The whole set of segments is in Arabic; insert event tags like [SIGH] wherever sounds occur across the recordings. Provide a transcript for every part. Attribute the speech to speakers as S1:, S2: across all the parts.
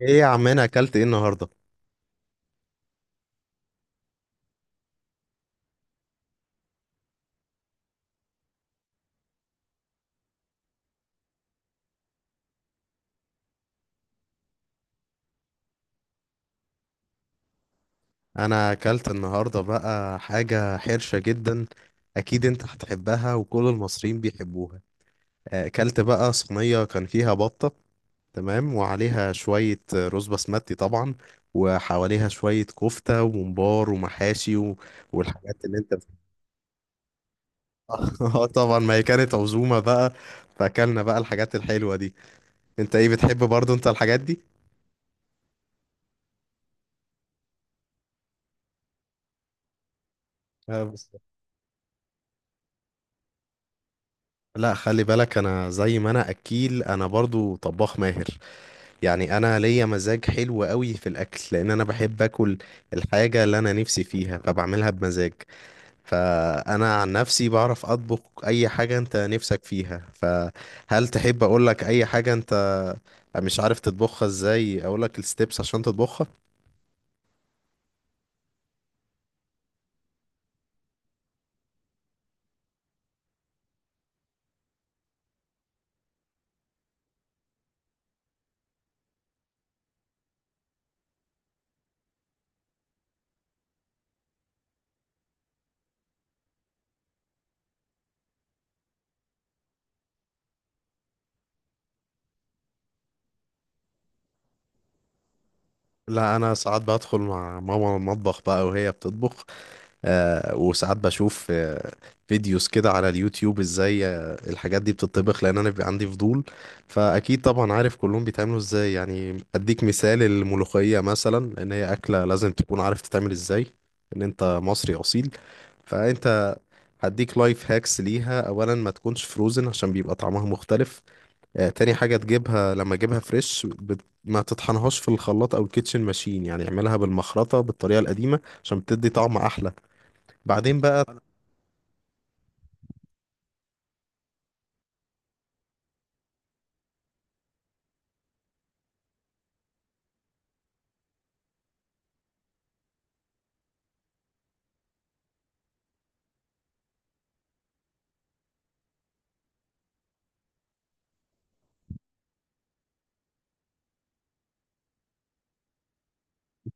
S1: ايه يا عم، انا اكلت ايه النهارده؟ انا اكلت النهارده بقى حاجه حرشه جدا. اكيد انت هتحبها وكل المصريين بيحبوها. اكلت بقى صينيه كان فيها بطه. تمام، وعليها شويه رز بسمتي طبعا، وحواليها شويه كفته وممبار ومحاشي والحاجات اللي انت بتحبها. [LAUGHS] اه طبعا، ما هي كانت عزومه بقى، فاكلنا بقى الحاجات الحلوه دي. انت ايه بتحب برضو انت الحاجات دي؟ بس لا، خلي بالك، انا زي ما انا اكيل انا برضو طباخ ماهر. يعني انا ليا مزاج حلو قوي في الاكل، لان انا بحب اكل الحاجة اللي انا نفسي فيها، فبعملها بمزاج. فانا عن نفسي بعرف اطبخ اي حاجة انت نفسك فيها. فهل تحب اقول لك اي حاجة انت مش عارف تطبخها ازاي، اقول لك الستبس عشان تطبخها؟ لا، انا ساعات بدخل مع ماما المطبخ بقى وهي بتطبخ، وساعات بشوف فيديوز كده على اليوتيوب ازاي الحاجات دي بتطبخ، لان انا بيبقى عندي فضول. فاكيد طبعا عارف كلهم بيتعملوا ازاي. يعني اديك مثال الملوخية مثلا، لان هي اكلة لازم تكون عارف تتعمل ازاي ان انت مصري اصيل. فانت هديك لايف هاكس ليها: اولا ما تكونش فروزن، عشان بيبقى طعمها مختلف. تاني حاجة تجيبها لما تجيبها فريش، ما تطحنهاش في الخلاط او الكيتشن ماشين، يعني اعملها بالمخرطة بالطريقة القديمة، عشان بتدي طعم احلى. بعدين بقى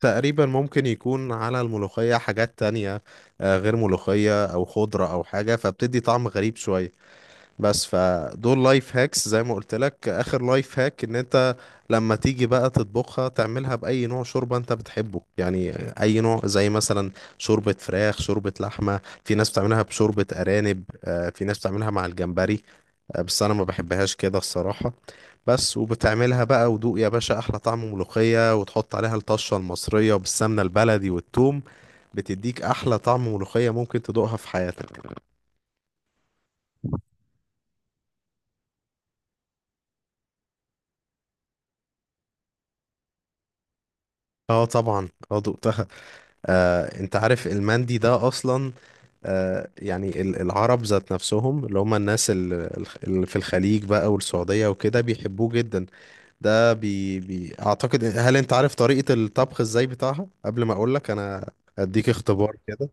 S1: تقريبا ممكن يكون على الملوخية حاجات تانية غير ملوخية أو خضرة أو حاجة، فبتدي طعم غريب شوية. بس فدول لايف هاكس زي ما قلت لك. آخر لايف هاك، إن أنت لما تيجي بقى تطبخها، تعملها بأي نوع شوربة أنت بتحبه يعني. أي نوع، زي مثلا شوربة فراخ، شوربة لحمة، في ناس بتعملها بشوربة أرانب، في ناس بتعملها مع الجمبري بس أنا ما بحبهاش كده الصراحة. بس وبتعملها بقى ودوق يا باشا احلى طعم ملوخية، وتحط عليها الطشة المصرية وبالسمنة البلدي والثوم، بتديك احلى طعم ملوخية ممكن تدوقها في حياتك. اه طبعا، اه دقتها. آه، انت عارف المندي ده اصلا؟ آه، يعني العرب ذات نفسهم، اللي هم الناس اللي في الخليج بقى والسعودية وكده، بيحبوه جدا. ده بي اعتقد. هل انت عارف طريقة الطبخ ازاي بتاعها قبل ما اقولك انا؟ اديك اختبار كده.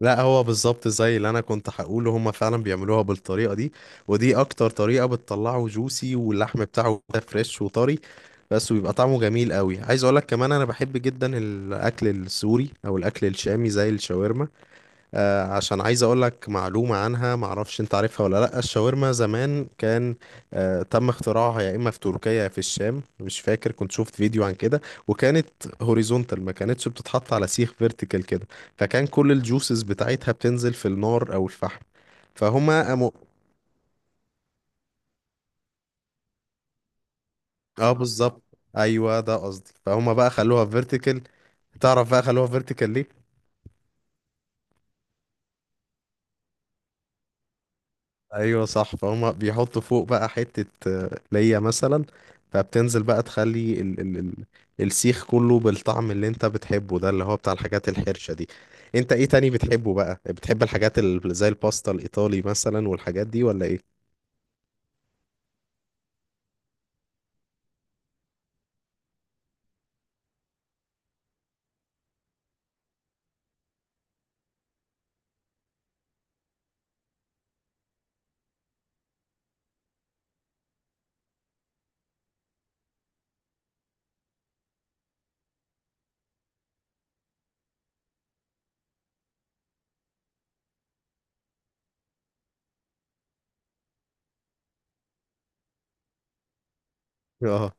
S1: لا، هو بالظبط زي اللي انا كنت هقوله، هما فعلا بيعملوها بالطريقه دي، ودي اكتر طريقه بتطلعه جوسي واللحم بتاعه كده فريش وطري بس، ويبقى طعمه جميل قوي. عايز اقولك كمان، انا بحب جدا الاكل السوري او الاكل الشامي زي الشاورما. عشان عايز اقول لك معلومه عنها معرفش انت عارفها ولا لا. الشاورما زمان كان تم اختراعها يا اما في تركيا يا في الشام، مش فاكر، كنت شفت فيديو عن كده. وكانت هوريزونتال، ما كانتش بتتحط على سيخ فيرتيكال كده، فكان كل الجوسز بتاعتها بتنزل في النار او الفحم، فهما قاموا. اه بالظبط، ايوه ده قصدي. فهما بقى خلوها فيرتيكال. تعرف بقى خلوها فيرتيكال ليه؟ ايوه صح. فهم بيحطوا فوق بقى حتة ليا مثلا، فبتنزل بقى تخلي ال ال ال السيخ كله بالطعم اللي انت بتحبه ده، اللي هو بتاع الحاجات الحرشة دي. انت ايه تاني بتحبه بقى؟ بتحب الحاجات اللي زي الباستا الايطالي مثلا والحاجات دي، ولا ايه؟ اه.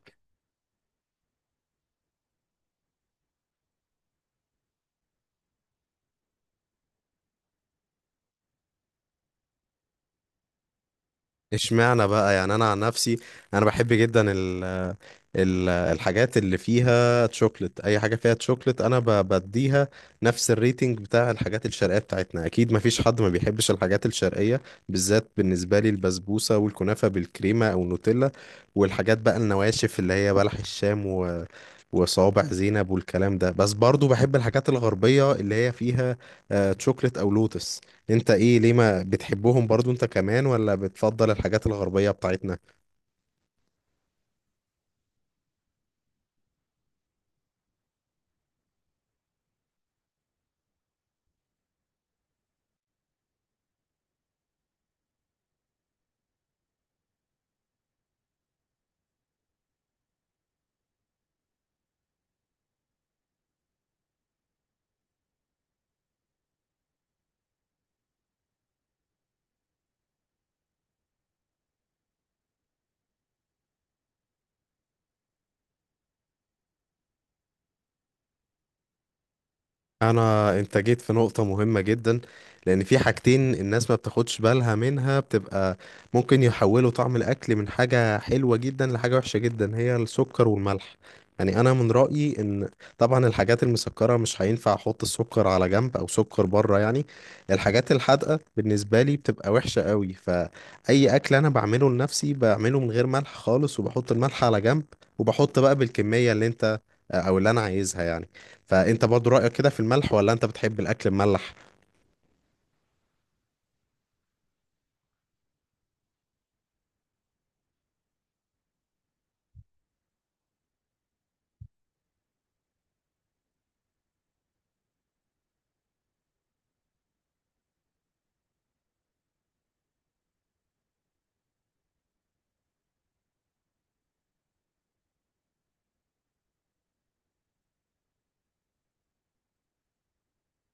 S1: اشمعنى بقى، يعني انا عن نفسي انا بحب جدا الحاجات اللي فيها تشوكلت. اي حاجه فيها تشوكلت انا بديها نفس الريتنج بتاع الحاجات الشرقيه بتاعتنا. اكيد ما فيش حد ما بيحبش الحاجات الشرقيه، بالذات بالنسبه لي البسبوسه والكنافه بالكريمه او نوتيلا، والحاجات بقى النواشف اللي هي بلح الشام وصوابع زينب والكلام ده. بس برضو بحب الحاجات الغربية اللي هي فيها تشوكلت أو لوتس. انت ايه، ليه ما بتحبهم برضو انت كمان، ولا بتفضل الحاجات الغربية بتاعتنا؟ انا انت جيت في نقطة مهمة جدا، لان في حاجتين الناس ما بتاخدش بالها منها، بتبقى ممكن يحولوا طعم الاكل من حاجة حلوة جدا لحاجة وحشة جدا، هي السكر والملح. يعني انا من رأيي ان، طبعا الحاجات المسكرة مش هينفع احط السكر على جنب او سكر بره يعني، الحاجات الحادقة بالنسبة لي بتبقى وحشة قوي. فاي اكل انا بعمله لنفسي بعمله من غير ملح خالص، وبحط الملح على جنب، وبحط بقى بالكمية اللي انت او اللي انا عايزها يعني. فانت برضو رأيك كده في الملح، ولا انت بتحب الاكل مملح؟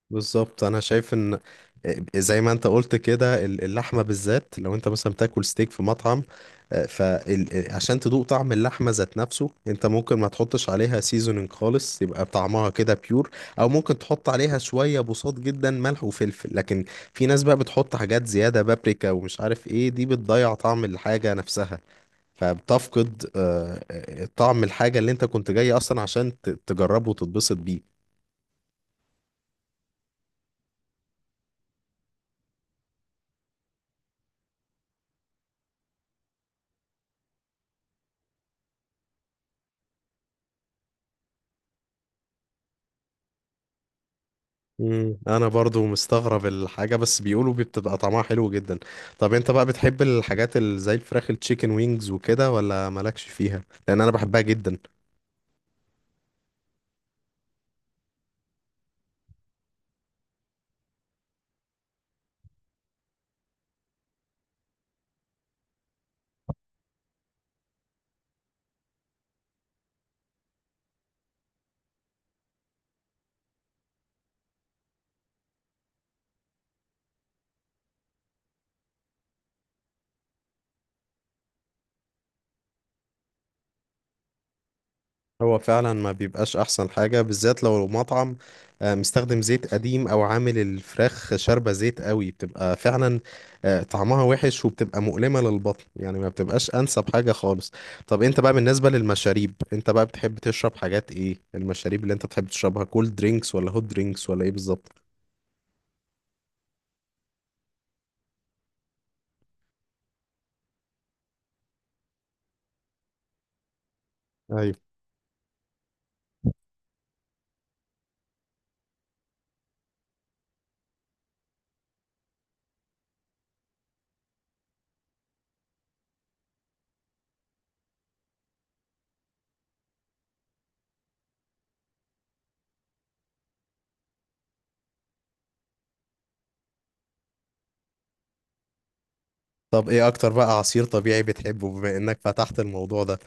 S1: بالظبط، انا شايف ان زي ما انت قلت كده اللحمه بالذات، لو انت مثلا بتاكل ستيك في مطعم، فعشان تدوق طعم اللحمه ذات نفسه انت ممكن ما تحطش عليها سيزونينج خالص، يبقى طعمها كده بيور، او ممكن تحط عليها شويه بساط جدا، ملح وفلفل. لكن في ناس بقى بتحط حاجات زياده، بابريكا ومش عارف ايه، دي بتضيع طعم الحاجه نفسها، فبتفقد طعم الحاجة اللي انت كنت جاي اصلا عشان تجربه وتتبسط بيه. انا برضو مستغرب الحاجة، بس بيقولوا بتبقى طعمها حلو جدا. طب انت بقى بتحب الحاجات اللي زي الفراخ، التشيكن وينجز وكده، ولا مالكش فيها؟ لان انا بحبها جدا. هو فعلا ما بيبقاش احسن حاجة، بالذات لو مطعم مستخدم زيت قديم او عامل الفراخ شاربة زيت قوي، بتبقى فعلا طعمها وحش وبتبقى مؤلمة للبطن، يعني ما بتبقاش انسب حاجة خالص. طب انت بقى بالنسبة للمشاريب، انت بقى بتحب تشرب حاجات ايه؟ المشاريب اللي انت بتحب تشربها كولد درينكس ولا هوت درينكس ولا ايه بالظبط؟ ايوه. طب ايه اكتر بقى عصير طبيعي بتحبه بما انك فتحت الموضوع ده؟